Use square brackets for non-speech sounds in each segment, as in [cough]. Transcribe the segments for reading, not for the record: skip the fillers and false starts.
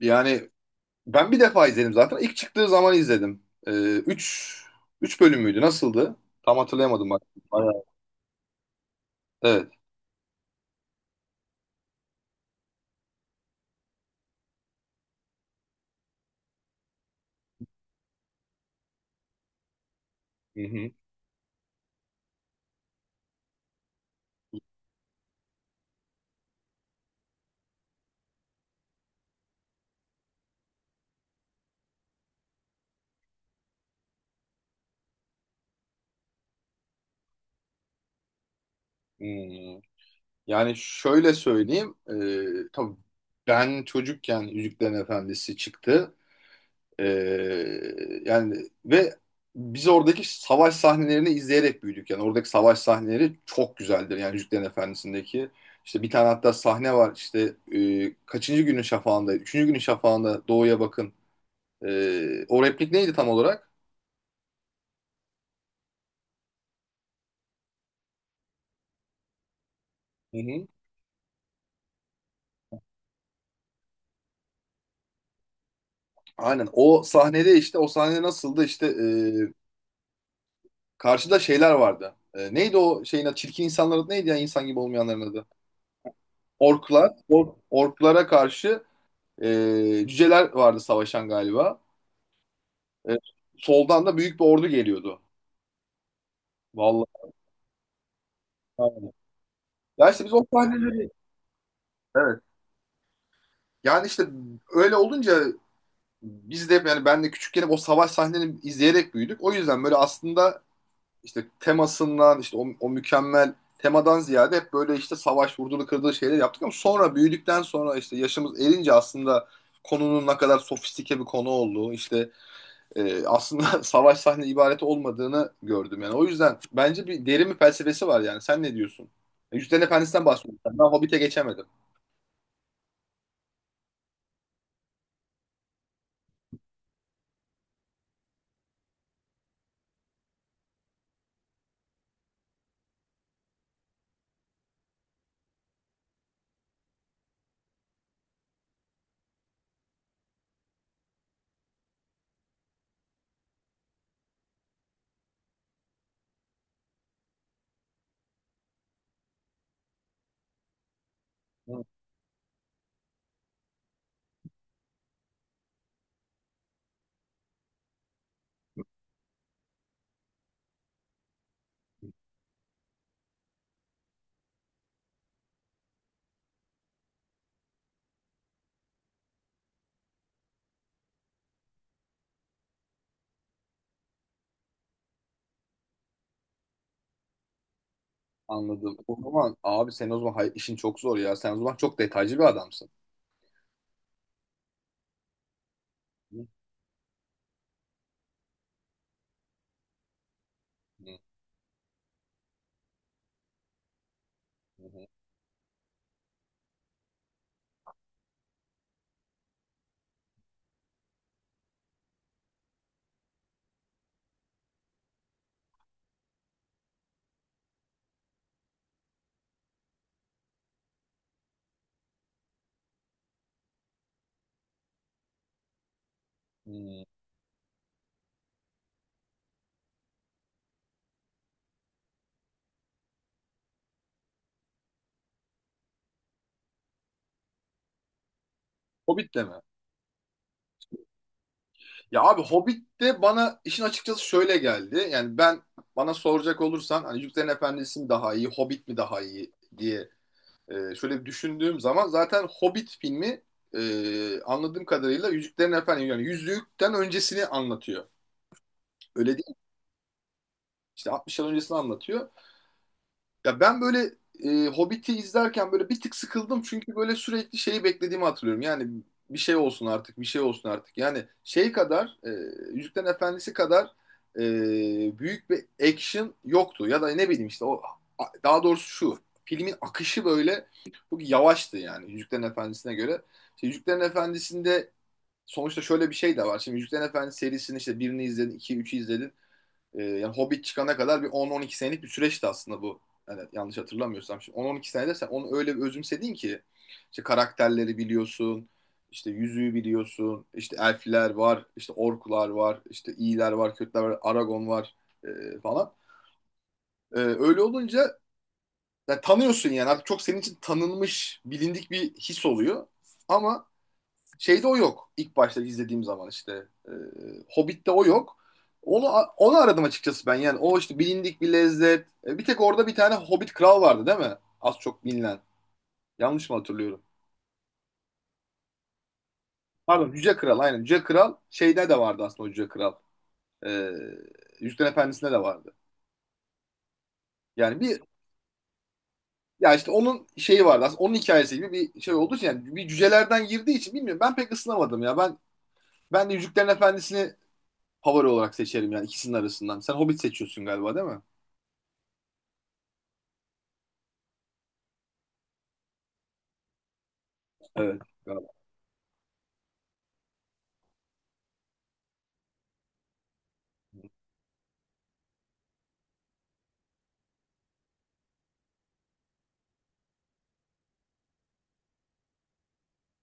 Yani ben bir defa izledim zaten. İlk çıktığı zaman izledim. Üç bölüm müydü? Nasıldı? Tam hatırlayamadım bak. Bayağı. Evet. Hı hı. Hmm. Yani şöyle söyleyeyim. Tabii ben çocukken Yüzüklerin Efendisi çıktı. Ee, Yani ve biz oradaki savaş sahnelerini izleyerek büyüdük. Yani oradaki savaş sahneleri çok güzeldir. Yani Yüzüklerin Efendisi'ndeki işte bir tane hatta sahne var. İşte kaçıncı günün şafağında? Üçüncü günün şafağında doğuya bakın. O replik neydi tam olarak? Hı hı. Aynen o sahnede işte o sahne nasıldı işte karşıda şeyler vardı. Neydi o şeyin adı? Çirkin insanların adı neydi ya insan gibi olmayanların adı? Orklar. Orklara karşı cüceler vardı savaşan galiba. E, Soldan da büyük bir ordu geliyordu. Vallahi. Aynen. Ya işte biz o sahneleri evet. Yani işte öyle olunca biz de hep yani ben de küçükken hep o savaş sahnelerini izleyerek büyüdük. O yüzden böyle aslında işte temasından işte o, o mükemmel temadan ziyade hep böyle işte savaş vurdulu kırdığı şeyler yaptık ama sonra büyüdükten sonra işte yaşımız erince aslında konunun ne kadar sofistike bir konu olduğu işte aslında [laughs] savaş sahne ibareti olmadığını gördüm yani. O yüzden bence bir derin bir felsefesi var yani. Sen ne diyorsun? Yüzden Efendisi'nden bahsediyorum. Ben Hobbit'e geçemedim. Hı, anladım. O zaman abi sen o zaman işin çok zor ya. Sen o zaman çok detaycı bir adamsın. Hı, hı, hı, hı. Hobbit'te mi? Ya abi Hobbit de bana işin açıkçası şöyle geldi. Yani ben bana soracak olursan hani Yüzüklerin Efendisi mi daha iyi, Hobbit mi daha iyi diye şöyle bir düşündüğüm zaman zaten Hobbit filmi anladığım kadarıyla Yüzüklerin Efendisi yani Yüzükten öncesini anlatıyor. Öyle değil mi? İşte 60 yıl öncesini anlatıyor. Ya ben böyle Hobbit'i izlerken böyle bir tık sıkıldım çünkü böyle sürekli şeyi beklediğimi hatırlıyorum. Yani bir şey olsun artık, bir şey olsun artık. Yani şey kadar, Yüzüklerin Efendisi kadar e, büyük bir action yoktu. Ya da ne bileyim işte o daha doğrusu şu filmin akışı böyle çok yavaştı yani Yüzüklerin Efendisi'ne göre. İşte Yüzüklerin Efendisi'nde sonuçta şöyle bir şey de var. Şimdi Yüzüklerin Efendisi serisini işte birini izledin, iki, üçü izledin. Yani Hobbit çıkana kadar bir 10-12 senelik bir süreçti aslında bu. Yani yanlış hatırlamıyorsam. Şimdi 10-12 senede sen onu öyle bir özümsedin ki işte karakterleri biliyorsun, işte yüzüğü biliyorsun, işte elfler var, işte orklar var, işte iyiler var, kötüler var, Aragon var falan. Öyle olunca yani tanıyorsun yani artık çok senin için tanınmış, bilindik bir his oluyor. Ama şeyde o yok. İlk başta izlediğim zaman işte. E, Hobbit'te o yok. Onu onu aradım açıkçası ben. Yani o işte bilindik bir lezzet. Bir tek orada bir tane Hobbit kral vardı değil mi? Az çok bilinen. Yanlış mı hatırlıyorum? Pardon Yüce Kral aynen. Yüce Kral şeyde de vardı aslında o Yüce Kral. E, Yüzüklerin Efendisi'nde de vardı. Yani bir ya işte onun şeyi vardı aslında onun hikayesi gibi bir şey olduğu için yani bir cücelerden girdiği için bilmiyorum ben pek ısınamadım ya. Ben de Yüzüklerin Efendisi'ni favori olarak seçerim yani ikisinin arasından. Sen Hobbit seçiyorsun galiba değil mi? Evet. Galiba.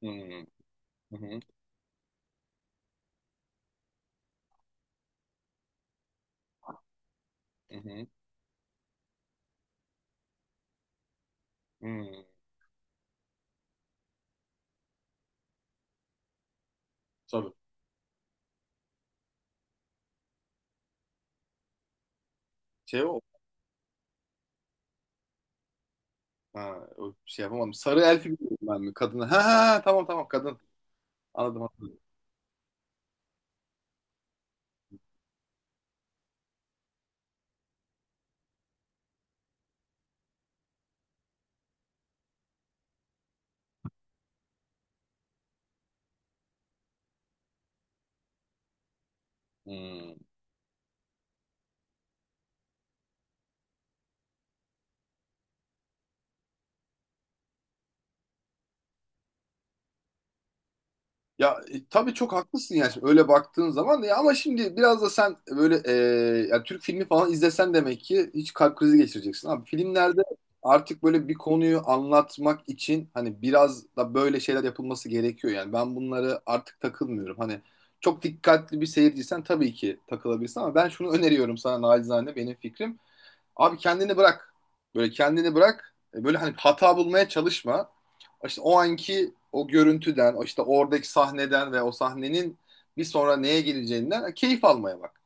Hmm. Hı hı. Hı hı. Hmm. Sarı. Şey o. Ha, o şey yapamadım. Sarı elfi biliyorum ben mi? Kadını. Ha ha ha, tamam tamam kadın. Anladım. Anladım. Hmm. Ya tabii çok haklısın yani şimdi öyle baktığın zaman ya ama şimdi biraz da sen böyle yani Türk filmi falan izlesen demek ki hiç kalp krizi geçireceksin abi. Filmlerde artık böyle bir konuyu anlatmak için hani biraz da böyle şeyler yapılması gerekiyor yani ben bunları artık takılmıyorum. Hani çok dikkatli bir seyirciysen tabii ki takılabilirsin ama ben şunu [laughs] öneriyorum sana naçizane benim fikrim. Abi kendini bırak. Böyle kendini bırak. Böyle hani hata bulmaya çalışma. İşte o anki o görüntüden, o işte oradaki sahneden ve o sahnenin bir sonra neye geleceğinden keyif almaya bak.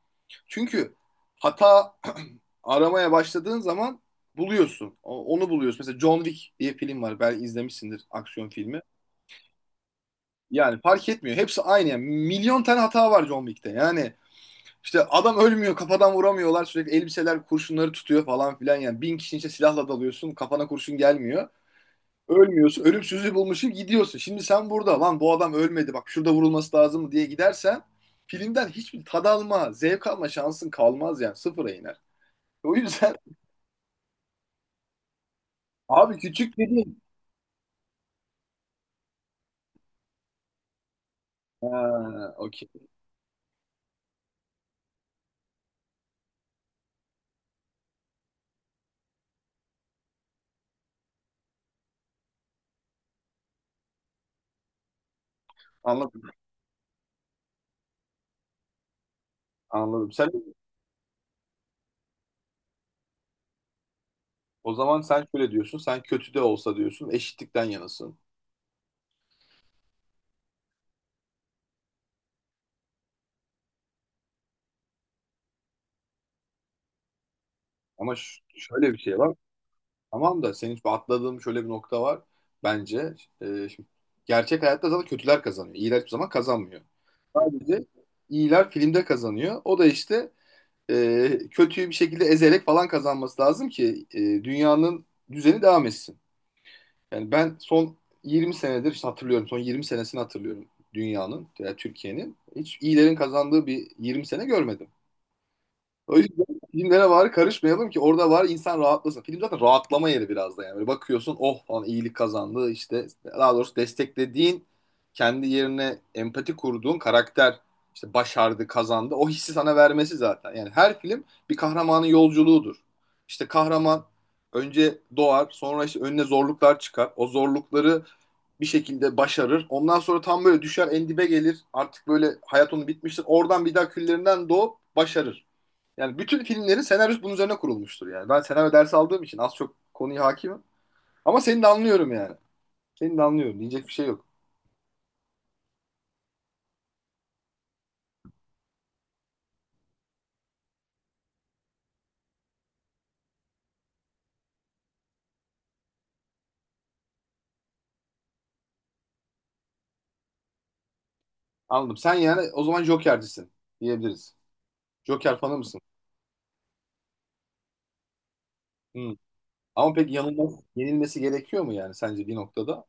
Çünkü hata [clears throat] aramaya başladığın zaman buluyorsun. Onu buluyorsun. Mesela John Wick diye film var. Belki izlemişsindir aksiyon filmi. Yani fark etmiyor. Hepsi aynı. Yani milyon tane hata var John Wick'te. Yani işte adam ölmüyor kafadan vuramıyorlar sürekli elbiseler kurşunları tutuyor falan filan yani bin kişinin içine silahla dalıyorsun kafana kurşun gelmiyor ölmüyorsun ölümsüzlüğü bulmuşsun gidiyorsun şimdi sen burada lan bu adam ölmedi bak şurada vurulması lazım diye gidersen filmden hiçbir tad alma zevk alma şansın kalmaz yani sıfıra iner. O yüzden abi küçük dedin. Ha, okey. Anladım. Anladım. Sen o zaman sen şöyle diyorsun. Sen kötü de olsa diyorsun. Eşitlikten yanasın. Ama şöyle bir şey var. Tamam da senin şu atladığın şöyle bir nokta var bence. Şimdi gerçek hayatta zaten kötüler kazanıyor. İyiler hiçbir zaman kazanmıyor. Sadece iyiler filmde kazanıyor. O da işte kötüyü bir şekilde ezerek falan kazanması lazım ki dünyanın düzeni devam etsin. Yani ben son 20 senedir işte hatırlıyorum. Son 20 senesini hatırlıyorum dünyanın, yani Türkiye'nin. Hiç iyilerin kazandığı bir 20 sene görmedim. O yüzden filmlere var karışmayalım ki orada var insan rahatlasın. Film zaten rahatlama yeri biraz da yani. Böyle bakıyorsun oh falan iyilik kazandı işte daha doğrusu desteklediğin kendi yerine empati kurduğun karakter işte başardı kazandı o hissi sana vermesi zaten. Yani her film bir kahramanın yolculuğudur. İşte kahraman önce doğar sonra işte önüne zorluklar çıkar. O zorlukları bir şekilde başarır. Ondan sonra tam böyle düşer en dibe gelir. Artık böyle hayat onun bitmiştir. Oradan bir daha küllerinden doğup başarır. Yani bütün filmlerin senaryosu bunun üzerine kurulmuştur yani. Ben senaryo dersi aldığım için az çok konuya hakimim. Ama seni de anlıyorum yani. Seni de anlıyorum. Diyecek bir şey yok. Anladım. Sen yani o zaman Joker'cisin diyebiliriz. Joker fanı mısın? Hı. Ama pek yanılmaz, yenilmesi gerekiyor mu yani sence bir noktada?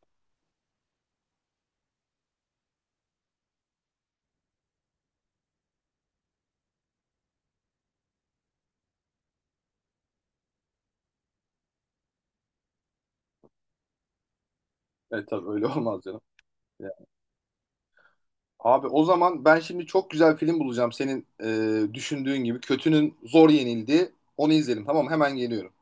Evet tabii öyle [laughs] olmaz canım. Ya. Abi o zaman ben şimdi çok güzel film bulacağım senin düşündüğün gibi. Kötünün zor yenildiği. Onu izleyelim tamam mı? Hemen geliyorum.